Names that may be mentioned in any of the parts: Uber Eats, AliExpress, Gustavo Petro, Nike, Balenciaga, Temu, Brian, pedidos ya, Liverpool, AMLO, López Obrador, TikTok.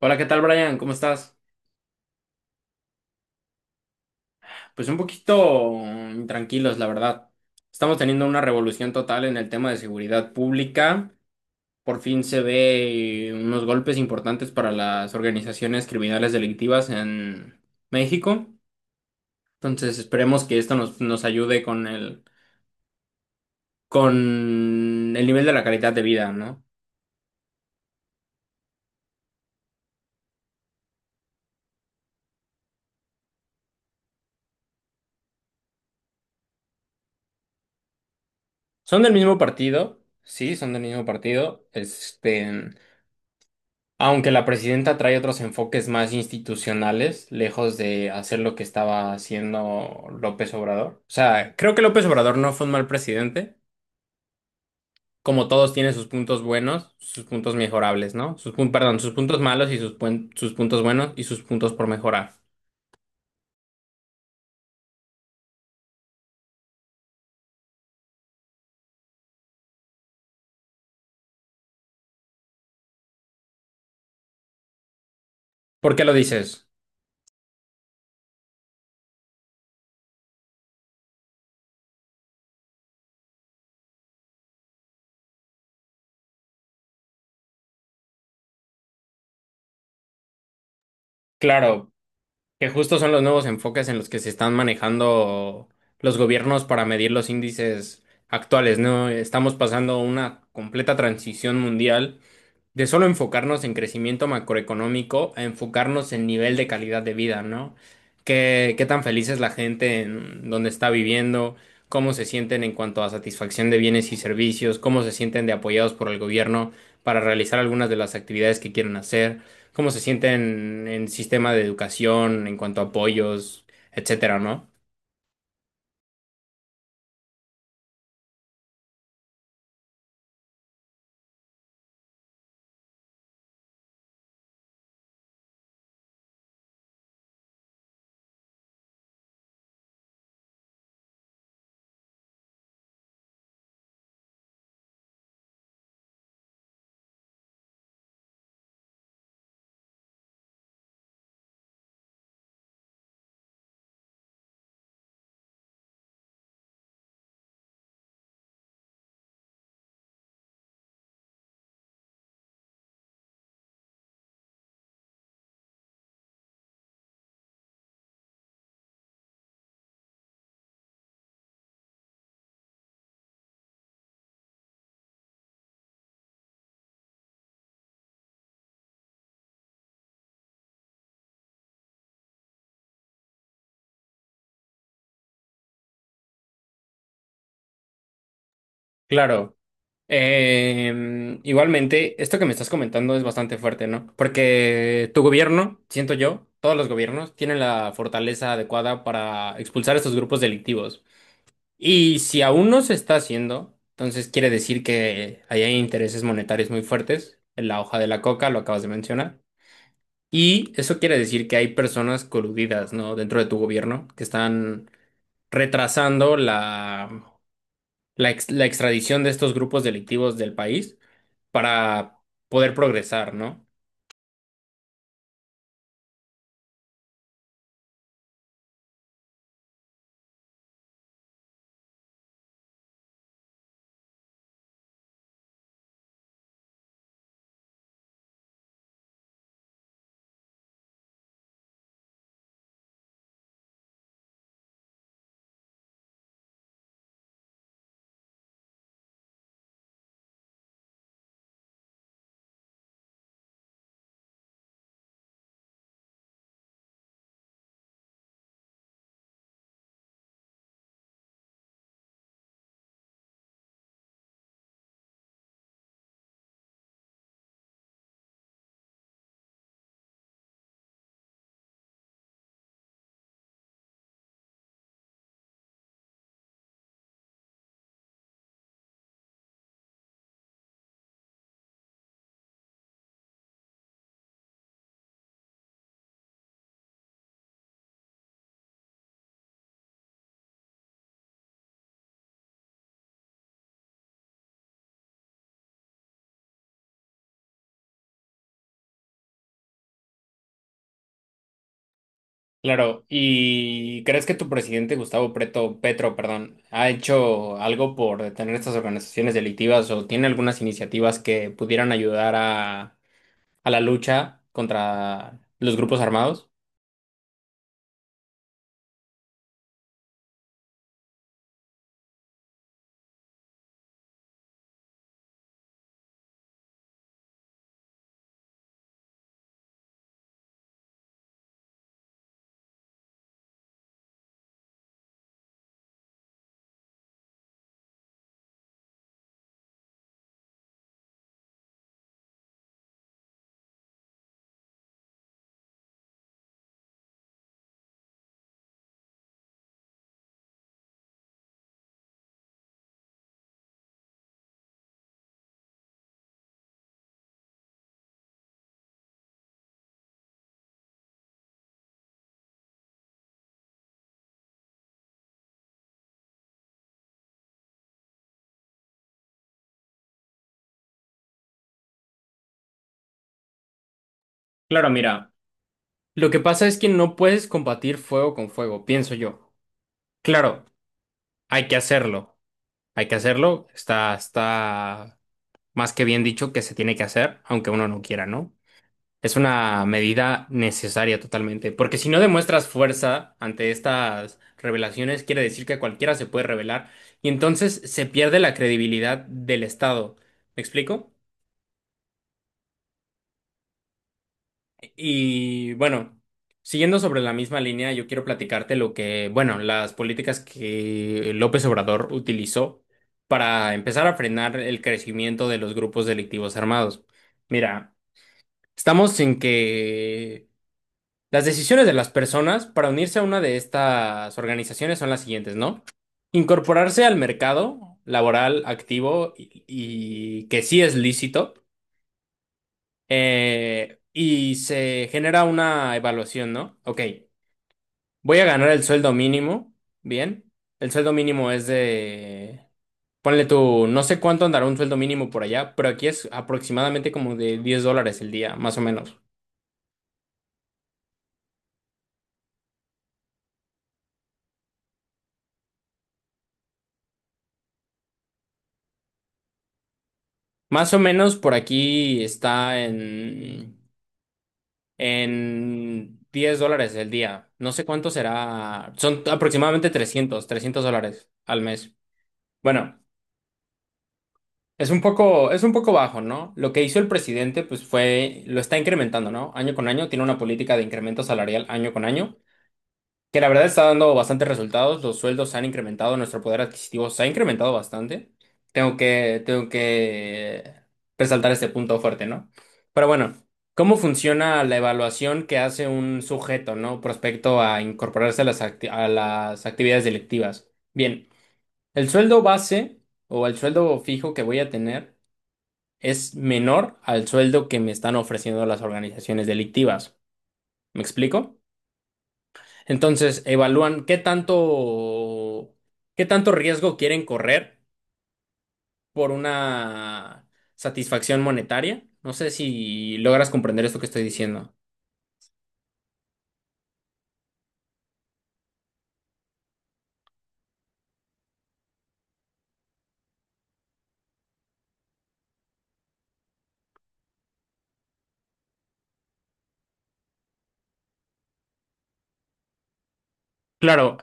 Hola, ¿qué tal, Brian? ¿Cómo estás? Pues un poquito tranquilos, la verdad. Estamos teniendo una revolución total en el tema de seguridad pública. Por fin se ve unos golpes importantes para las organizaciones criminales delictivas en México. Entonces, esperemos que esto nos ayude con con el nivel de la calidad de vida, ¿no? Son del mismo partido, sí, son del mismo partido. Aunque la presidenta trae otros enfoques más institucionales, lejos de hacer lo que estaba haciendo López Obrador. O sea, creo que López Obrador no fue un mal presidente. Como todos tiene sus puntos buenos, sus puntos mejorables, ¿no? Sus puntos malos y sus puntos buenos y sus puntos por mejorar. ¿Por qué lo dices? Claro, que justo son los nuevos enfoques en los que se están manejando los gobiernos para medir los índices actuales, ¿no? Estamos pasando una completa transición mundial de solo enfocarnos en crecimiento macroeconómico a enfocarnos en nivel de calidad de vida, ¿no? ¿Qué tan feliz es la gente en donde está viviendo? ¿Cómo se sienten en cuanto a satisfacción de bienes y servicios? ¿Cómo se sienten de apoyados por el gobierno para realizar algunas de las actividades que quieren hacer? ¿Cómo se sienten en sistema de educación, en cuanto a apoyos, etcétera, ¿no? Claro. Igualmente, esto que me estás comentando es bastante fuerte, ¿no? Porque tu gobierno, siento yo, todos los gobiernos tienen la fortaleza adecuada para expulsar a estos grupos delictivos. Y si aún no se está haciendo, entonces quiere decir que ahí hay intereses monetarios muy fuertes en la hoja de la coca, lo acabas de mencionar. Y eso quiere decir que hay personas coludidas, ¿no? Dentro de tu gobierno que están retrasando la extradición de estos grupos delictivos del país para poder progresar, ¿no? Claro, ¿y crees que tu presidente Petro, perdón, ha hecho algo por detener estas organizaciones delictivas o tiene algunas iniciativas que pudieran ayudar a la lucha contra los grupos armados? Claro, mira, lo que pasa es que no puedes combatir fuego con fuego, pienso yo. Claro, hay que hacerlo, hay que hacerlo, está más que bien dicho, que se tiene que hacer, aunque uno no quiera, ¿no? Es una medida necesaria totalmente, porque si no demuestras fuerza ante estas revelaciones, quiere decir que cualquiera se puede revelar y entonces se pierde la credibilidad del Estado. ¿Me explico? Y bueno, siguiendo sobre la misma línea, yo quiero platicarte lo que, bueno, las políticas que López Obrador utilizó para empezar a frenar el crecimiento de los grupos delictivos armados. Mira, estamos en que las decisiones de las personas para unirse a una de estas organizaciones son las siguientes, ¿no? Incorporarse al mercado laboral activo y que sí es lícito, y se genera una evaluación, ¿no? Ok, voy a ganar el sueldo mínimo, bien. El sueldo mínimo es de, ponle tú, no sé cuánto andará un sueldo mínimo por allá, pero aquí es aproximadamente como de $10 el día, más o menos. Más o menos por aquí está en $10 el día. No sé cuánto será. Son aproximadamente $300 al mes. Bueno, es un poco bajo, ¿no? Lo que hizo el presidente, pues fue, lo está incrementando, ¿no? Año con año, tiene una política de incremento salarial año con año, que la verdad está dando bastantes resultados. Los sueldos se han incrementado, nuestro poder adquisitivo se ha incrementado bastante. Tengo que resaltar este punto fuerte, ¿no? Pero bueno, ¿cómo funciona la evaluación que hace un sujeto, ¿no? Prospecto a incorporarse a a las actividades delictivas. Bien, el sueldo base o el sueldo fijo que voy a tener es menor al sueldo que me están ofreciendo las organizaciones delictivas. ¿Me explico? Entonces, evalúan qué tanto riesgo quieren correr por una satisfacción monetaria. No sé si logras comprender esto que estoy diciendo. Claro,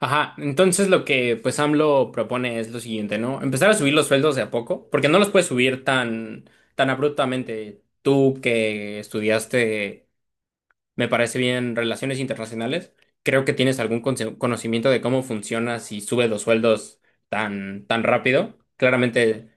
ajá. Entonces lo que pues AMLO propone es lo siguiente, ¿no? Empezar a subir los sueldos de a poco, porque no los puedes subir tan abruptamente. Tú que estudiaste, me parece bien, relaciones internacionales. Creo que tienes algún conocimiento de cómo funciona si sube los sueldos tan rápido. Claramente,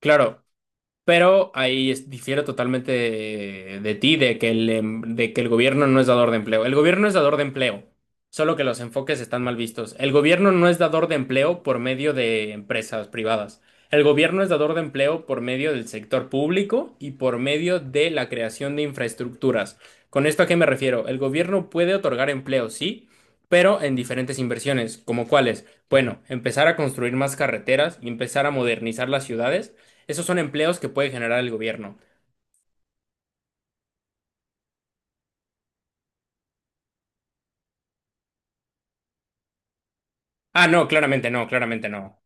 claro, pero ahí difiero totalmente de ti, de que de que el gobierno no es dador de empleo. El gobierno es dador de empleo, solo que los enfoques están mal vistos. El gobierno no es dador de empleo por medio de empresas privadas. El gobierno es dador de empleo por medio del sector público y por medio de la creación de infraestructuras. ¿Con esto a qué me refiero? El gobierno puede otorgar empleo, sí, pero en diferentes inversiones, como cuáles. Bueno, empezar a construir más carreteras y empezar a modernizar las ciudades, esos son empleos que puede generar el gobierno. Ah, no, claramente no, claramente no.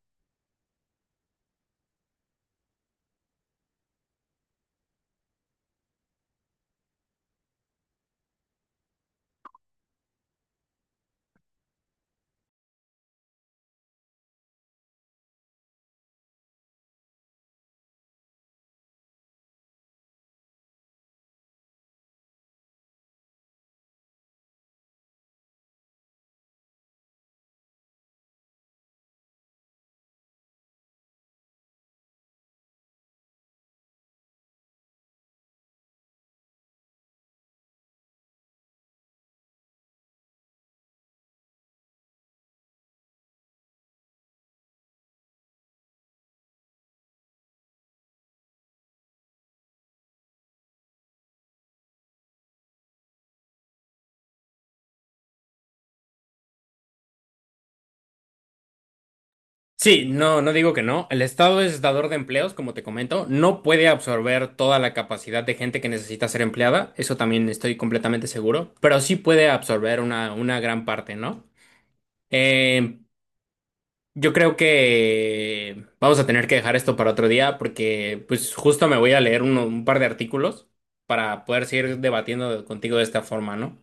Sí, no, no digo que no. El Estado es dador de empleos, como te comento. No puede absorber toda la capacidad de gente que necesita ser empleada. Eso también estoy completamente seguro. Pero sí puede absorber una gran parte, ¿no? Eh, yo creo que vamos a tener que dejar esto para otro día porque pues justo me voy a leer un par de artículos para poder seguir debatiendo contigo de esta forma, ¿no?